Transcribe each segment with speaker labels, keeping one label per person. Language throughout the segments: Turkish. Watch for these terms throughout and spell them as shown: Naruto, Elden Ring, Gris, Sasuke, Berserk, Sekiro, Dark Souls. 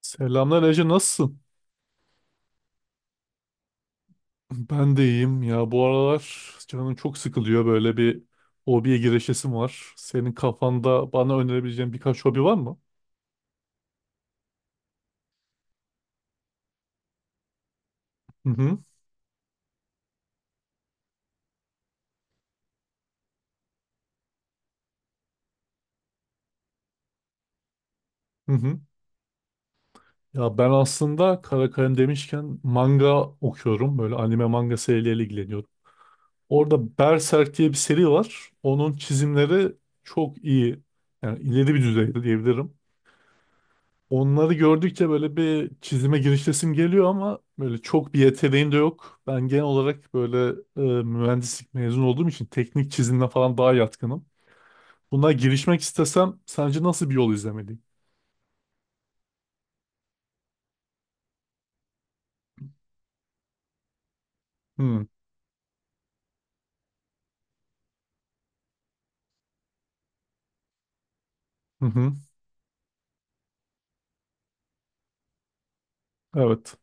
Speaker 1: Selamlar Ece, nasılsın? Ben de iyiyim ya, bu aralar canım çok sıkılıyor, böyle bir hobiye girişesim var. Senin kafanda bana önerebileceğin birkaç hobi var mı? Hı hı, hı hı. Ya ben aslında kara kalem demişken manga okuyorum. Böyle anime manga serileriyle ilgileniyorum. Orada Berserk diye bir seri var. Onun çizimleri çok iyi. Yani ileri bir düzeyde diyebilirim. Onları gördükçe böyle bir çizime girişesim geliyor ama böyle çok bir yeteneğim de yok. Ben genel olarak böyle mühendislik mezun olduğum için teknik çizimle falan daha yatkınım. Buna girişmek istesem sence nasıl bir yol izlemeliyim? Hmm. Hı hı. Evet.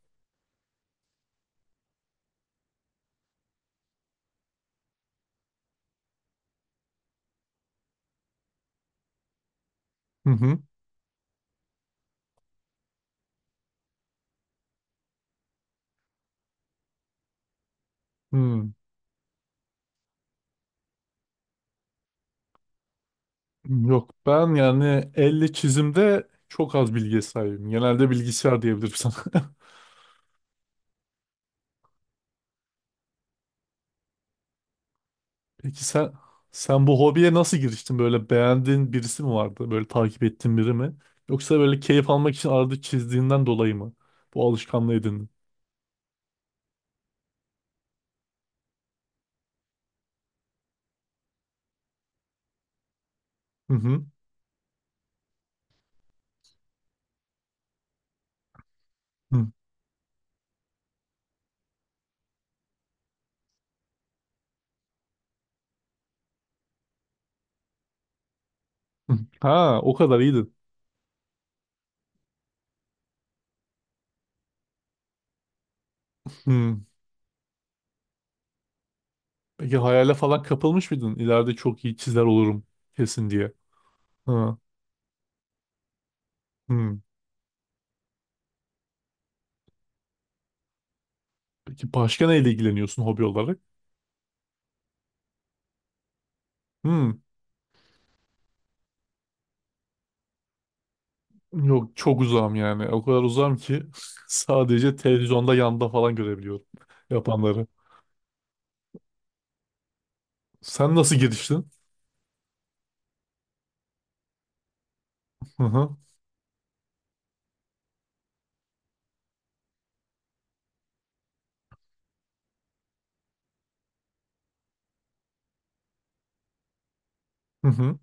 Speaker 1: Hı hı. Hı. Yok, ben yani elle çizimde çok az bilgiye sahibim. Genelde bilgisayar diyebilirim sana. Peki sen bu hobiye nasıl giriştin? Böyle beğendiğin birisi mi vardı? Böyle takip ettiğin biri mi? Yoksa böyle keyif almak için arada çizdiğinden dolayı mı bu alışkanlığı edindin? Hı hı. Hı hı. Ha, o kadar iyiydin. Hı. Peki hayale falan kapılmış mıydın? İleride çok iyi çizer olurum kesin diye. Ha. Hı. Peki başka neyle ilgileniyorsun hobi olarak? Hı. Yok, çok uzağım yani. O kadar uzağım ki sadece televizyonda yanda falan görebiliyorum yapanları. Sen nasıl giriştin? Hı hı. Hı hı.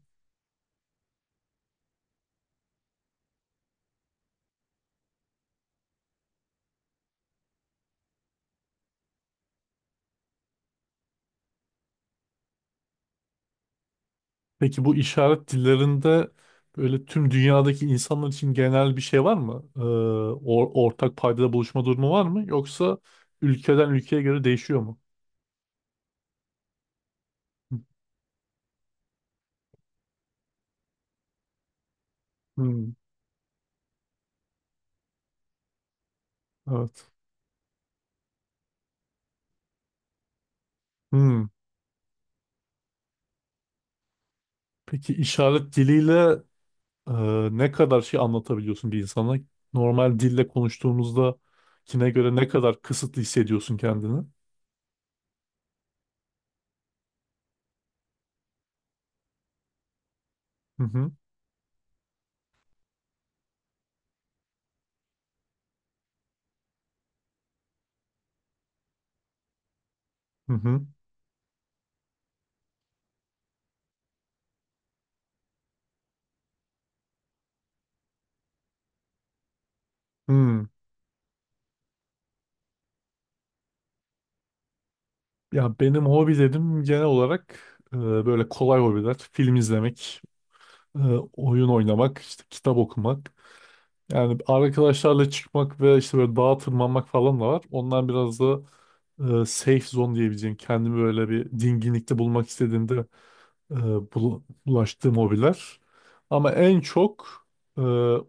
Speaker 1: Peki bu işaret dillerinde böyle tüm dünyadaki insanlar için genel bir şey var mı? Ortak paydada buluşma durumu var mı? Yoksa ülkeden ülkeye göre değişiyor mu? Hmm, evet. Hmm. Peki işaret diliyle e, ne kadar şey anlatabiliyorsun bir insana? Normal dille konuştuğumuzda kine göre ne kadar kısıtlı hissediyorsun kendini? Hı hı. Hı hı. Hmm. Ya benim hobilerim genel olarak böyle kolay hobiler. Film izlemek, e, oyun oynamak, işte kitap okumak. Yani arkadaşlarla çıkmak ve işte böyle dağa tırmanmak falan da var. Ondan biraz da safe zone diyebileceğim. Kendimi böyle bir dinginlikte bulmak istediğimde e, bulaştığım hobiler. Ama en çok e,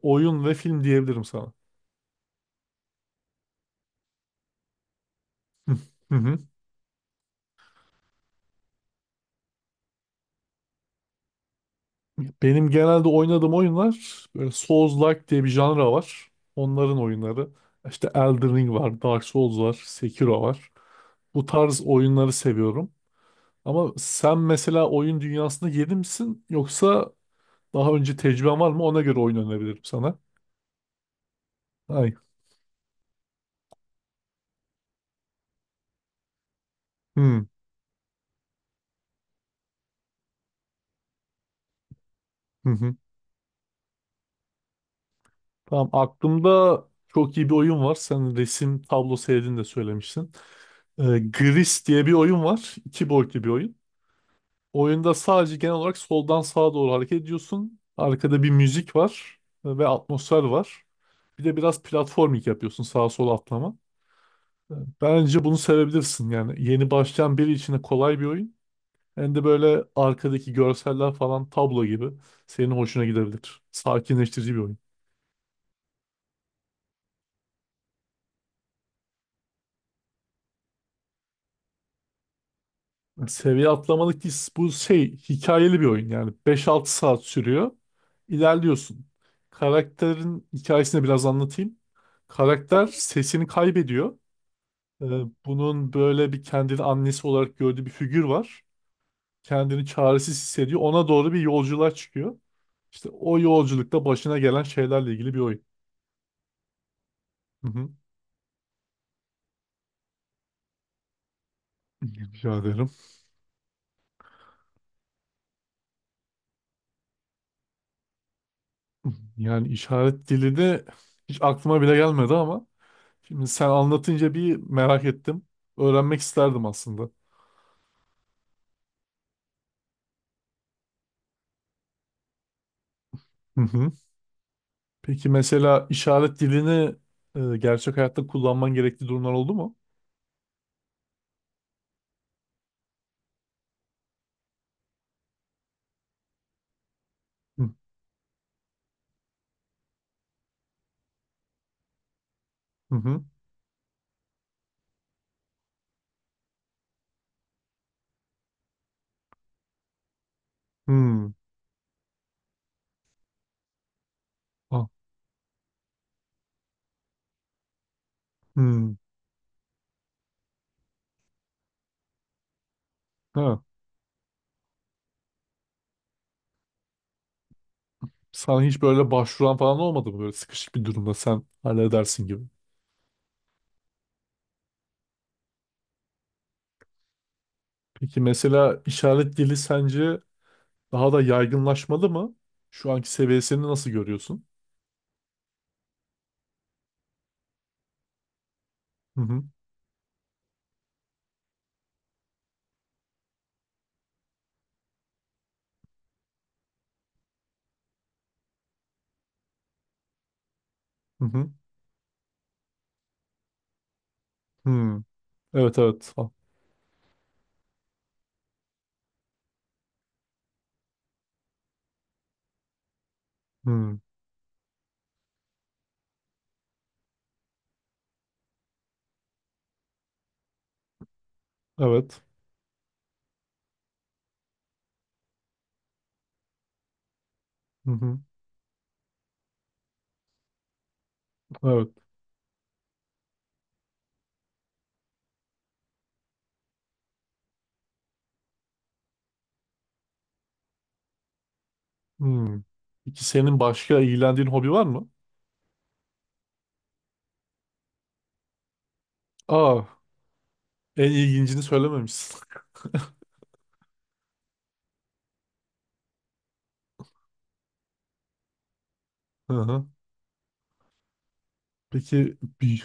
Speaker 1: oyun ve film diyebilirim sana. Hı hı. Hı. Benim genelde oynadığım oyunlar böyle Souls-like diye bir janra var. Onların oyunları. İşte Elden Ring var, Dark Souls var, Sekiro var. Bu tarz oyunları seviyorum. Ama sen mesela oyun dünyasında yeni misin, yoksa daha önce tecrüben var mı? Ona göre oyun önebilirim sana. Ay. Hmm. Hı hı. Tamam, aklımda çok iyi bir oyun var. Sen resim tablo sevdiğini de söylemişsin. Gris diye bir oyun var. İki boyutlu bir oyun. Oyunda sadece genel olarak soldan sağa doğru hareket ediyorsun. Arkada bir müzik var ve atmosfer var. Bir de biraz platforming yapıyorsun, sağa sola atlama. Ee, Bence bunu sevebilirsin yani. Yeni başlayan biri için de kolay bir oyun. Hem de böyle arkadaki görseller falan tablo gibi senin hoşuna gidebilir. Sakinleştirici bir oyun. Seviye atlamalık değil. Bu şey, hikayeli bir oyun, yani beş altı saat sürüyor. İlerliyorsun. Karakterin hikayesini biraz anlatayım. Karakter sesini kaybediyor. Ee, bunun böyle bir kendini annesi olarak gördüğü bir figür var. Kendini çaresiz hissediyor. Ona doğru bir yolculuğa çıkıyor. İşte o yolculukta başına gelen şeylerle ilgili bir oyun. Hı hı. Rica ederim. Yani işaret dili de hiç aklıma bile gelmedi ama şimdi sen anlatınca bir merak ettim. Öğrenmek isterdim aslında. Hı hı. Peki mesela işaret dilini gerçek hayatta kullanman gerektiği durumlar oldu mu? Hı hı. Hı. Hmm. Ha. Hmm. Ha. Sana hiç böyle başvuran falan olmadı mı, böyle sıkışık bir durumda sen halledersin gibi? Peki mesela işaret dili sence daha da yaygınlaşmalı mı? Şu anki seviyesini nasıl görüyorsun? Hı hı. Hı hı. Hmm. Evet, evet. Hmm, evet. Hı hı, evet. Hmm. Peki senin başka ilgilendiğin hobi var mı? Aa, en ilgincini söylememişsin. Hı hı. Peki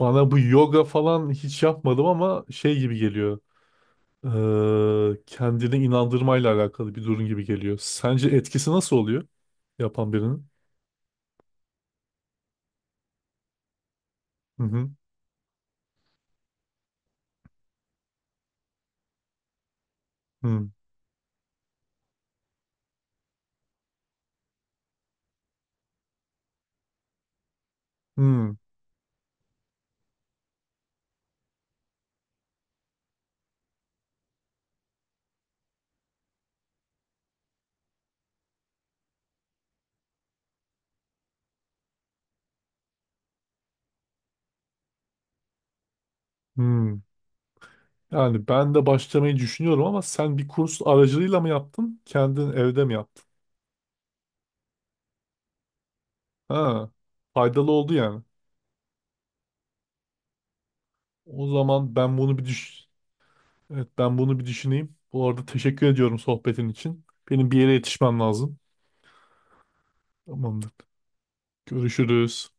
Speaker 1: bana bu yoga falan hiç yapmadım ama şey gibi geliyor. Kendini inandırmayla alakalı bir durum gibi geliyor. Sence etkisi nasıl oluyor yapan birinin? Hı hı. Hı hı. Hı. Yani ben de başlamayı düşünüyorum, ama sen bir kurs aracılığıyla mı yaptın? Kendin evde mi yaptın? Ha, faydalı oldu yani. O zaman ben bunu bir evet, ben bunu bir düşüneyim. Bu arada teşekkür ediyorum sohbetin için. Benim bir yere yetişmem lazım. Tamamdır. Görüşürüz.